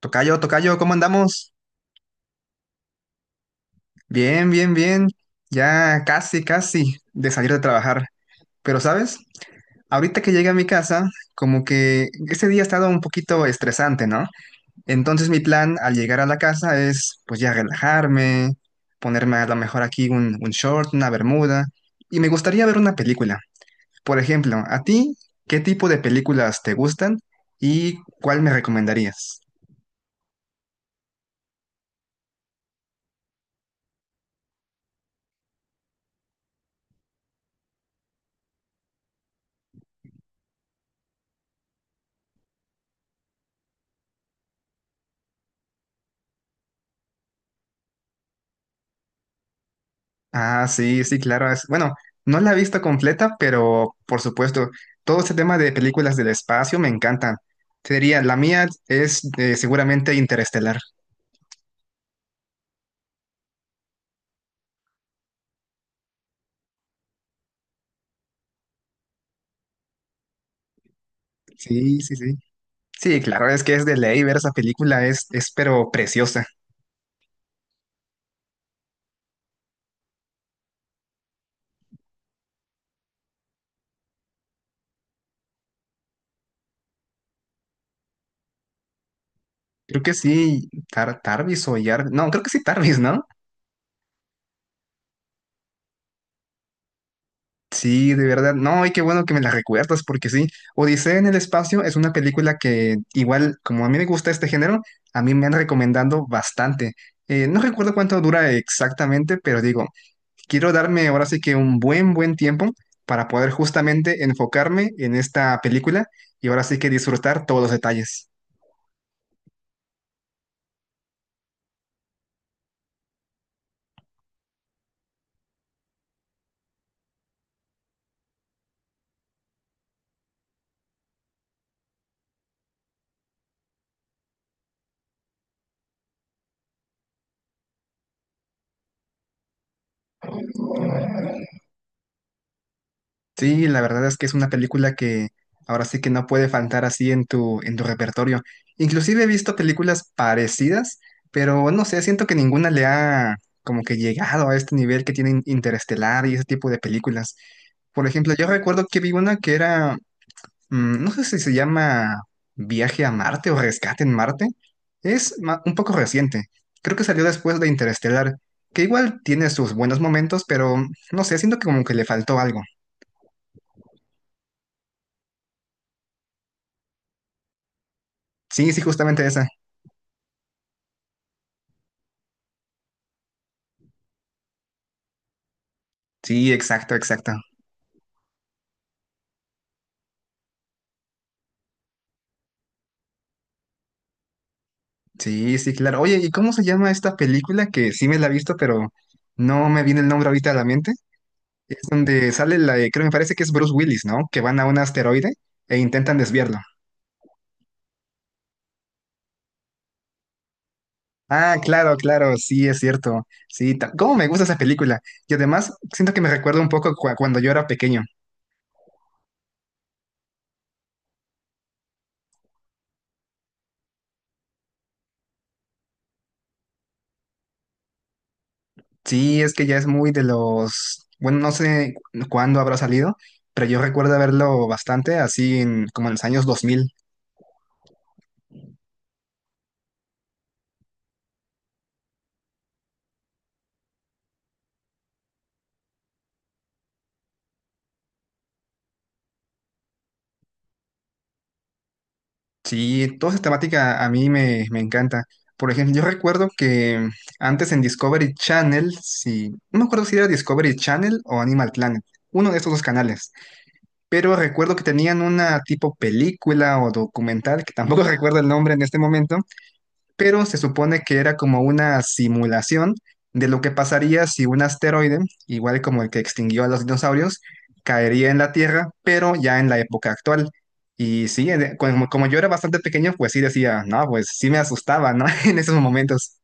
Tocayo, tocayo, ¿cómo andamos? Bien, bien, bien. Ya casi, casi de salir de trabajar. Pero, ¿sabes? Ahorita que llegué a mi casa, como que ese día ha estado un poquito estresante, ¿no? Entonces mi plan al llegar a la casa es, pues ya relajarme, ponerme a lo mejor aquí un short, una bermuda. Y me gustaría ver una película. Por ejemplo, ¿a ti qué tipo de películas te gustan y cuál me recomendarías? Ah, sí, sí, claro. Bueno, no la he visto completa, pero por supuesto, todo este tema de películas del espacio me encantan. Te diría, la mía es seguramente Interestelar. Sí, sí, sí. Sí, claro, es que es de ley ver esa película, es pero preciosa. Creo que sí, Tarvis o Jarvis. No, creo que sí Tarvis, ¿no? Sí, de verdad. No, y qué bueno que me la recuerdas, porque sí, Odisea en el espacio es una película que igual, como a mí me gusta este género, a mí me han recomendado bastante. No recuerdo cuánto dura exactamente, pero digo, quiero darme ahora sí que un buen tiempo para poder justamente enfocarme en esta película y ahora sí que disfrutar todos los detalles. Sí, la verdad es que es una película que ahora sí que no puede faltar así en en tu repertorio. Inclusive he visto películas parecidas, pero no sé, siento que ninguna le ha como que llegado a este nivel que tienen Interestelar y ese tipo de películas. Por ejemplo, yo recuerdo que vi una que no sé si se llama Viaje a Marte o Rescate en Marte. Un poco reciente. Creo que salió después de Interestelar, que igual tiene sus buenos momentos, pero no sé, siento que como que le faltó algo. Sí, sí, justamente esa. Sí, exacto, exacto. Sí, sí, claro. Oye, ¿y cómo se llama esta película que sí me la he visto, pero no me viene el nombre ahorita a la mente? Es donde sale creo me parece que es Bruce Willis, ¿no? Que van a un asteroide e intentan desviarlo. Ah, claro, claro, sí, es cierto. Sí, cómo me gusta esa película. Y además siento que me recuerda un poco cuando yo era pequeño. Sí, es que ya es muy de los, bueno, no sé cuándo habrá salido, pero yo recuerdo verlo bastante así como en los años 2000. Sí, toda esa temática a me encanta. Por ejemplo, yo recuerdo que antes en Discovery Channel, sí, no me acuerdo si era Discovery Channel o Animal Planet, uno de estos dos canales, pero recuerdo que tenían una tipo película o documental, que tampoco recuerdo el nombre en este momento, pero se supone que era como una simulación de lo que pasaría si un asteroide, igual como el que extinguió a los dinosaurios, caería en la Tierra, pero ya en la época actual. Y sí, como yo era bastante pequeño, pues sí decía, no, pues sí me asustaba, ¿no? En esos momentos.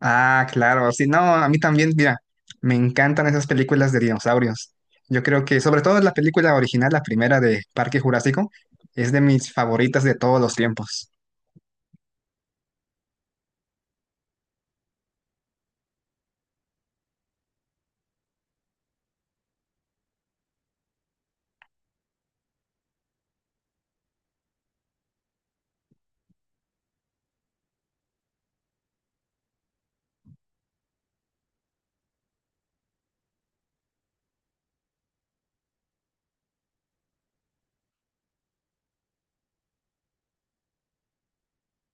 Ah, claro, sí, no, a mí también, mira, me encantan esas películas de dinosaurios. Yo creo que, sobre todo la película original, la primera de Parque Jurásico, es de mis favoritas de todos los tiempos.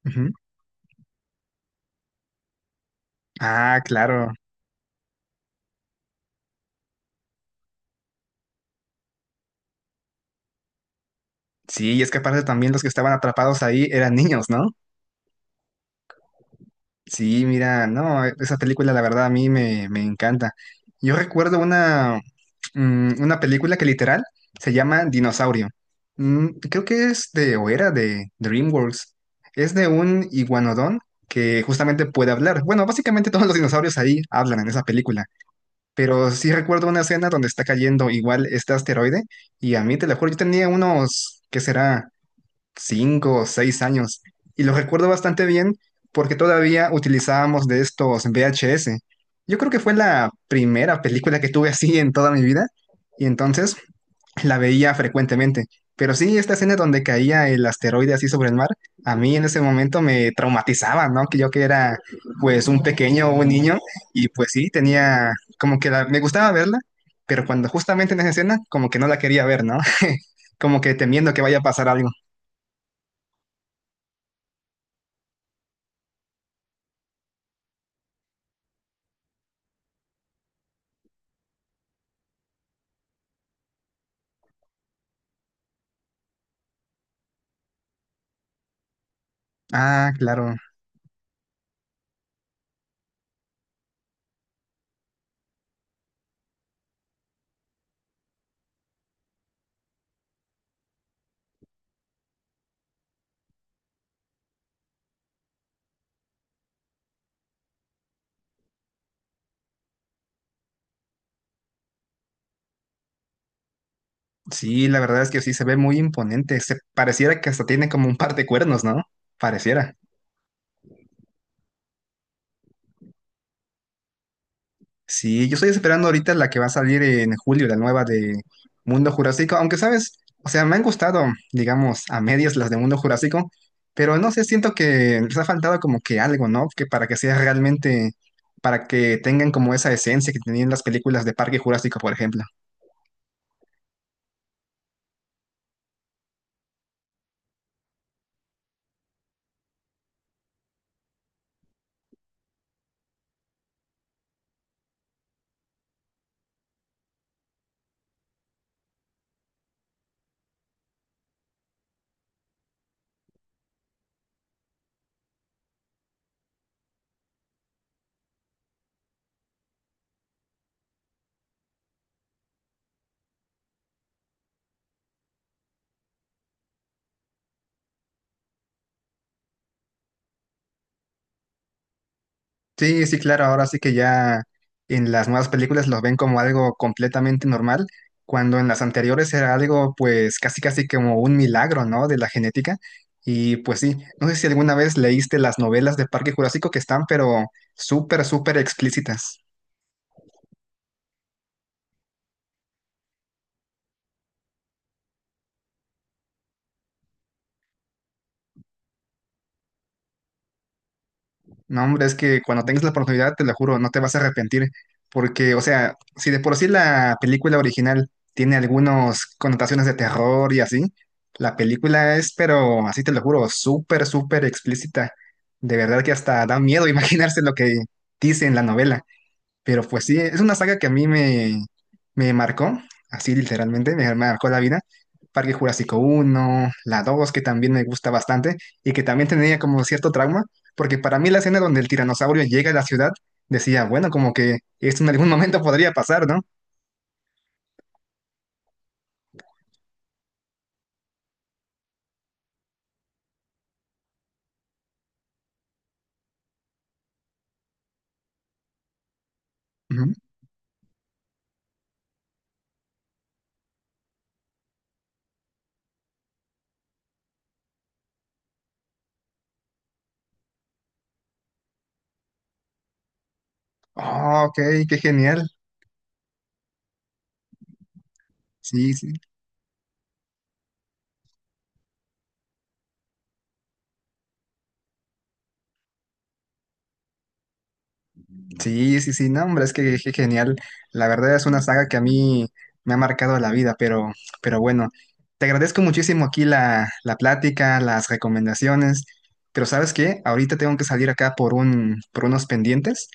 Ujú. Ah, claro. Sí, y es que aparte también los que estaban atrapados ahí eran niños, ¿no? Sí, mira, no, e, esa película la verdad a me encanta. Yo recuerdo una película que literal se llama Dinosaurio. Mm, creo que es de, o era de DreamWorks. Es de un iguanodón que justamente puede hablar. Bueno, básicamente todos los dinosaurios ahí hablan en esa película. Pero sí recuerdo una escena donde está cayendo igual este asteroide y a mí, te lo juro, yo tenía unos, ¿qué será? Cinco o seis años. Y lo recuerdo bastante bien porque todavía utilizábamos de estos VHS. Yo creo que fue la primera película que tuve así en toda mi vida y entonces la veía frecuentemente. Pero sí, esta escena donde caía el asteroide así sobre el mar, a mí en ese momento me traumatizaba, ¿no? Que yo que era pues un pequeño, un niño, y pues sí, tenía como que me gustaba verla, pero cuando justamente en esa escena como que no la quería ver, ¿no? Como que temiendo que vaya a pasar algo. Ah, claro. Sí, la verdad es que sí se ve muy imponente. Se pareciera que hasta tiene como un par de cuernos, ¿no? Pareciera. Sí, yo estoy esperando ahorita la que va a salir en julio, la nueva de Mundo Jurásico, aunque sabes, o sea, me han gustado, digamos, a medias las de Mundo Jurásico, pero no sé, siento que les ha faltado como que algo, ¿no? Que para que sea realmente, para que tengan como esa esencia que tenían las películas de Parque Jurásico, por ejemplo. Sí, sí, claro, ahora sí que ya en las nuevas películas los ven como algo completamente normal, cuando en las anteriores era algo pues casi casi como un milagro, ¿no? De la genética. Y pues sí, no sé si alguna vez leíste las novelas de Parque Jurásico que están pero súper, súper explícitas. No, hombre, es que cuando tengas la oportunidad, te lo juro, no te vas a arrepentir. Porque, o sea, si de por sí la película original tiene algunas connotaciones de terror y así, la película es, pero así te lo juro, súper, súper explícita. De verdad que hasta da miedo imaginarse lo que dice en la novela. Pero pues sí, es una saga que a me marcó, así literalmente, me marcó la vida. Parque Jurásico uno la 2 que también me gusta bastante y que también tenía como cierto trauma, porque para mí la escena donde el tiranosaurio llega a la ciudad, decía, bueno, como que esto en algún momento podría pasar, ¿no? Ujú. Oh, ok, qué genial. Sí, sí. Sí, sí, sí, no, hombre, es que genial. La verdad es una saga que a mí me ha marcado la vida, pero bueno, te agradezco muchísimo aquí la, la plática, las recomendaciones, pero ¿sabes qué? Ahorita tengo que salir acá por un, por unos pendientes.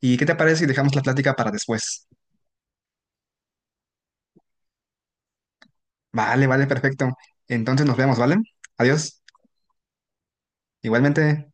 ¿Y qué te parece si dejamos la plática para después? Vale, vale, perfecto. Entonces nos vemos, ¿vale? Adiós. Igualmente.